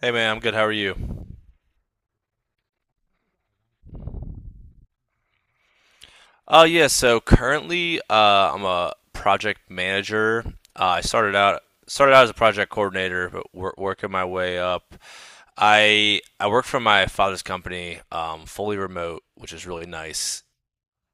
Hey man, I'm good. How are you? Yeah, so currently I'm a project manager. I started out as a project coordinator, but working my way up. I work for my father's company, fully remote, which is really nice.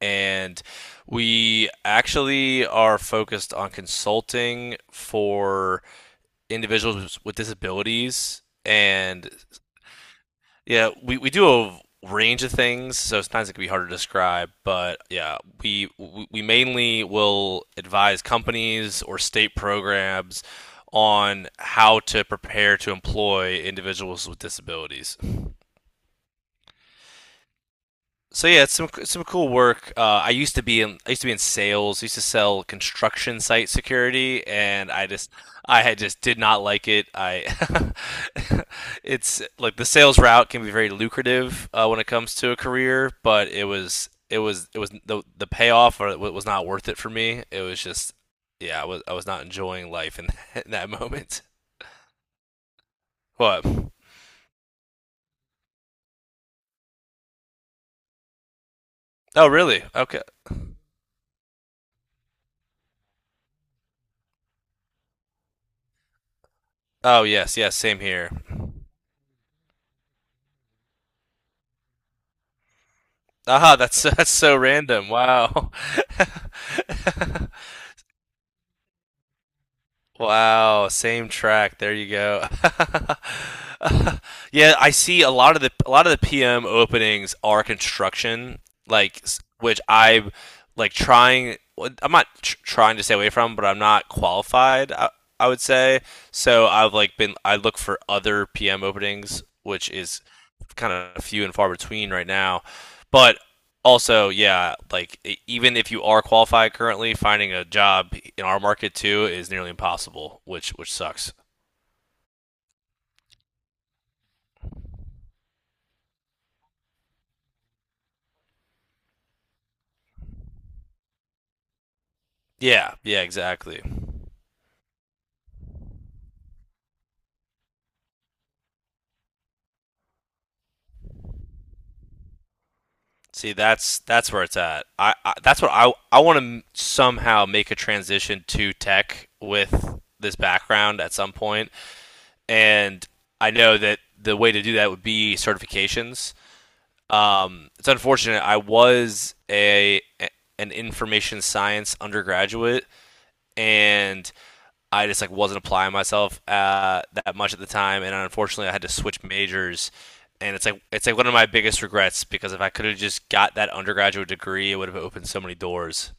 And we actually are focused on consulting for individuals with disabilities and yeah, we do a range of things, so sometimes it can be hard to describe. But yeah, we mainly will advise companies or state programs on how to prepare to employ individuals with disabilities. So yeah, it's some cool work. I used to be in I used to be in sales. I used to sell construction site security, and I had just did not like it. I it's like the sales route can be very lucrative when it comes to a career, but it was the payoff or it was not worth it for me. It was just yeah, I was not enjoying life in in that moment. What? Oh really? Okay. Oh yes, yes, same here. Ah, that's that's so random. Wow. Wow, same track. There you go. Yeah, I see a lot of the PM openings are construction, like which I'm like trying well, I'm not tr trying to stay away from, but I'm not qualified, I would say. So I've like been I look for other PM openings, which is kind of few and far between right now. But also, yeah, like even if you are qualified currently, finding a job in our market too is nearly impossible, which sucks. Yeah, yeah, exactly. See, that's where it's at. I that's what I want to somehow make a transition to tech with this background at some point, and I know that the way to do that would be certifications. It's unfortunate. I was a an information science undergraduate and I just like wasn't applying myself that much at the time, and unfortunately, I had to switch majors. And it's like one of my biggest regrets because if I could have just got that undergraduate degree, it would have opened so many doors.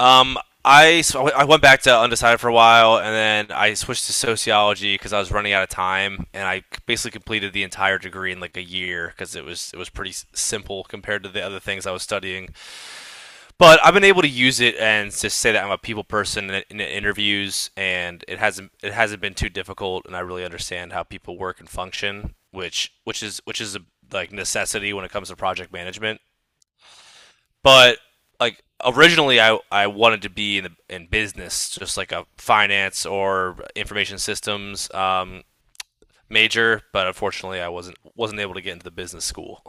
Um, I so I went back to undecided for a while, and then I switched to sociology because I was running out of time, and I basically completed the entire degree in like a year because it was pretty simple compared to the other things I was studying. But I've been able to use it and to say that I'm a people person in interviews, and it hasn't been too difficult, and I really understand how people work and function, which which is a like necessity when it comes to project management. But like originally, I wanted to be in in business, just like a finance or information systems major, but unfortunately, I wasn't able to get into the business school.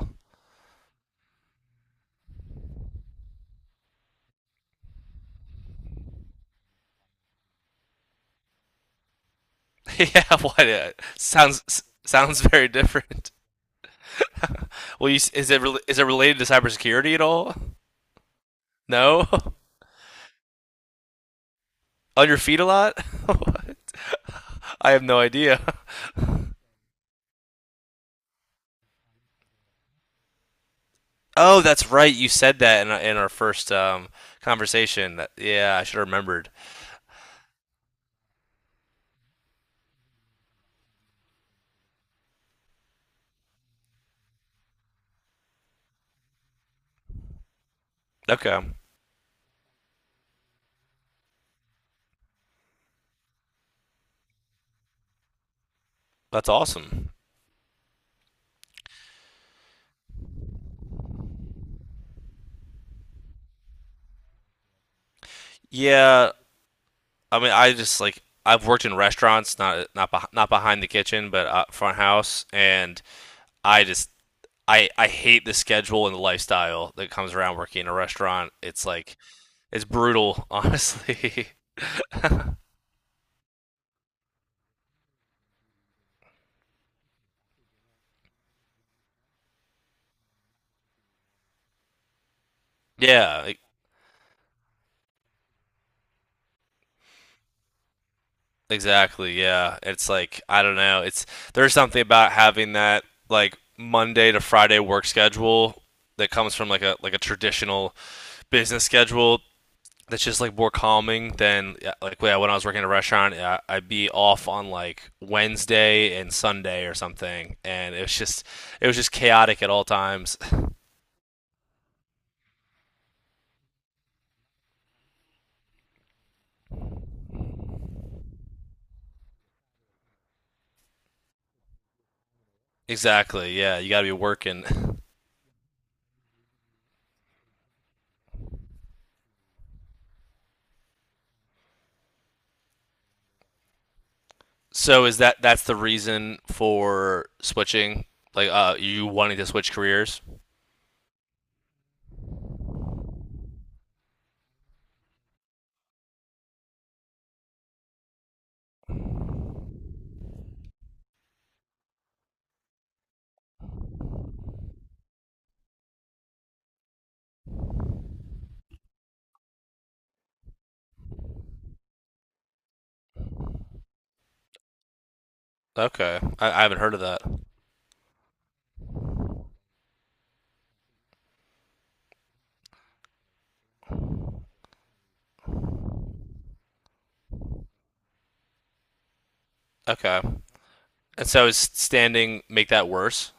Yeah, what sounds very different. Well, you, is it is it related to cybersecurity at all? No, on your feet a lot. What? I have no idea. Oh, that's right. You said that in our first conversation. That- yeah, I should have remembered. Okay, that's awesome. Yeah, I mean, I just like I've worked in restaurants, not not behind the kitchen, but front house, and I just I hate the schedule and the lifestyle that comes around working in a restaurant. It's like it's brutal, honestly. Yeah, exactly. Yeah, it's like I don't know. It's there's something about having that like Monday to Friday work schedule that comes from like a traditional business schedule that's just like more calming than yeah, like yeah, when I was working at a restaurant, I'd be off on like Wednesday and Sunday or something, and it was just chaotic at all times. Exactly. Yeah, you got to be working. So is that that's the reason for switching? Like, you wanting to switch careers? Okay, I haven't heard of that. Okay, and so is standing make that worse?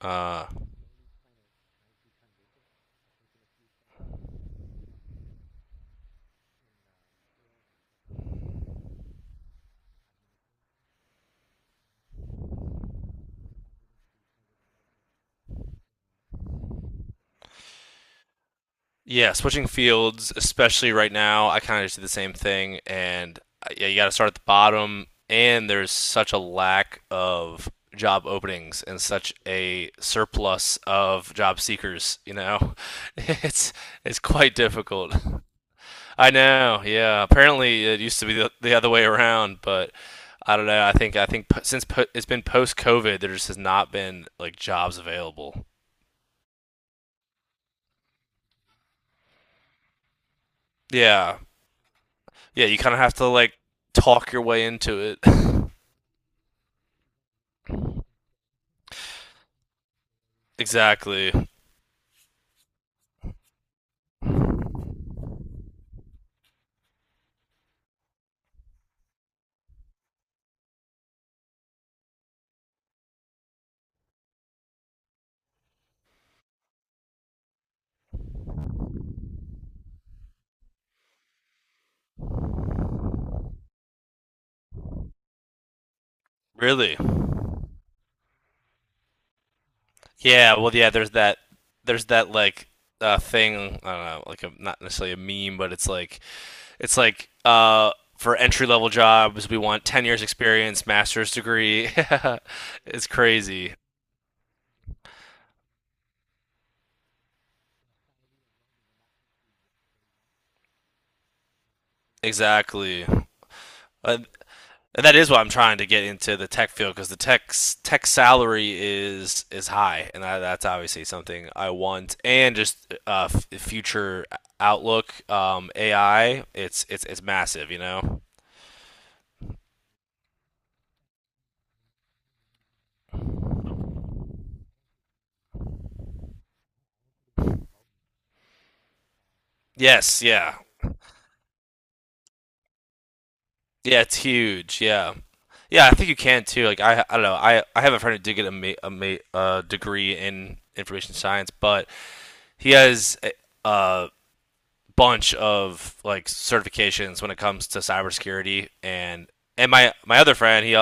Uh, yeah, switching fields, especially right now, I kind of just do the same thing, and yeah, you got to start at the bottom. And there's such a lack of job openings and such a surplus of job seekers. You know, it's it's quite difficult. I know. Yeah. Apparently, it used to be the other way around, but I don't know. I think since it's been post COVID, there just has not been like jobs available. Yeah. Yeah. You kind of have to like talk your way into it. Exactly. Really. Yeah. Well. Yeah. There's that. There's that like thing. I don't know. Like a, not necessarily a meme, but it's like for entry level jobs we want 10 years experience master's degree. It's crazy. Exactly. Uh, and that is why I'm trying to get into the tech field because the tech tech salary is high, and that's obviously something I want. And just future outlook, AI, it's massive, you know. Yes, yeah, yeah, it's huge, yeah, yeah. I think you can too. Like I don't know. I have a friend who did get a degree in information science, but he has uh bunch of like certifications when it comes to cybersecurity and my other friend he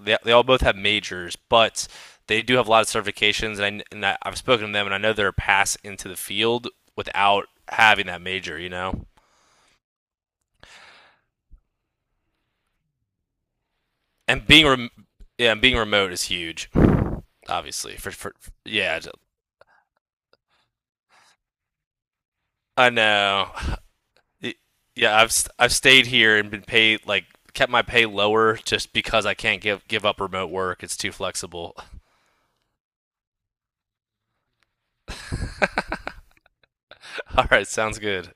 they all both have majors but they do have a lot of certifications and, I, I've spoken to them and I know they're passed into the field without having that major you know and yeah and being remote is huge obviously for yeah I know yeah I've stayed here and been paid like kept my pay lower just because I can't give up remote work it's too flexible. All right, sounds good.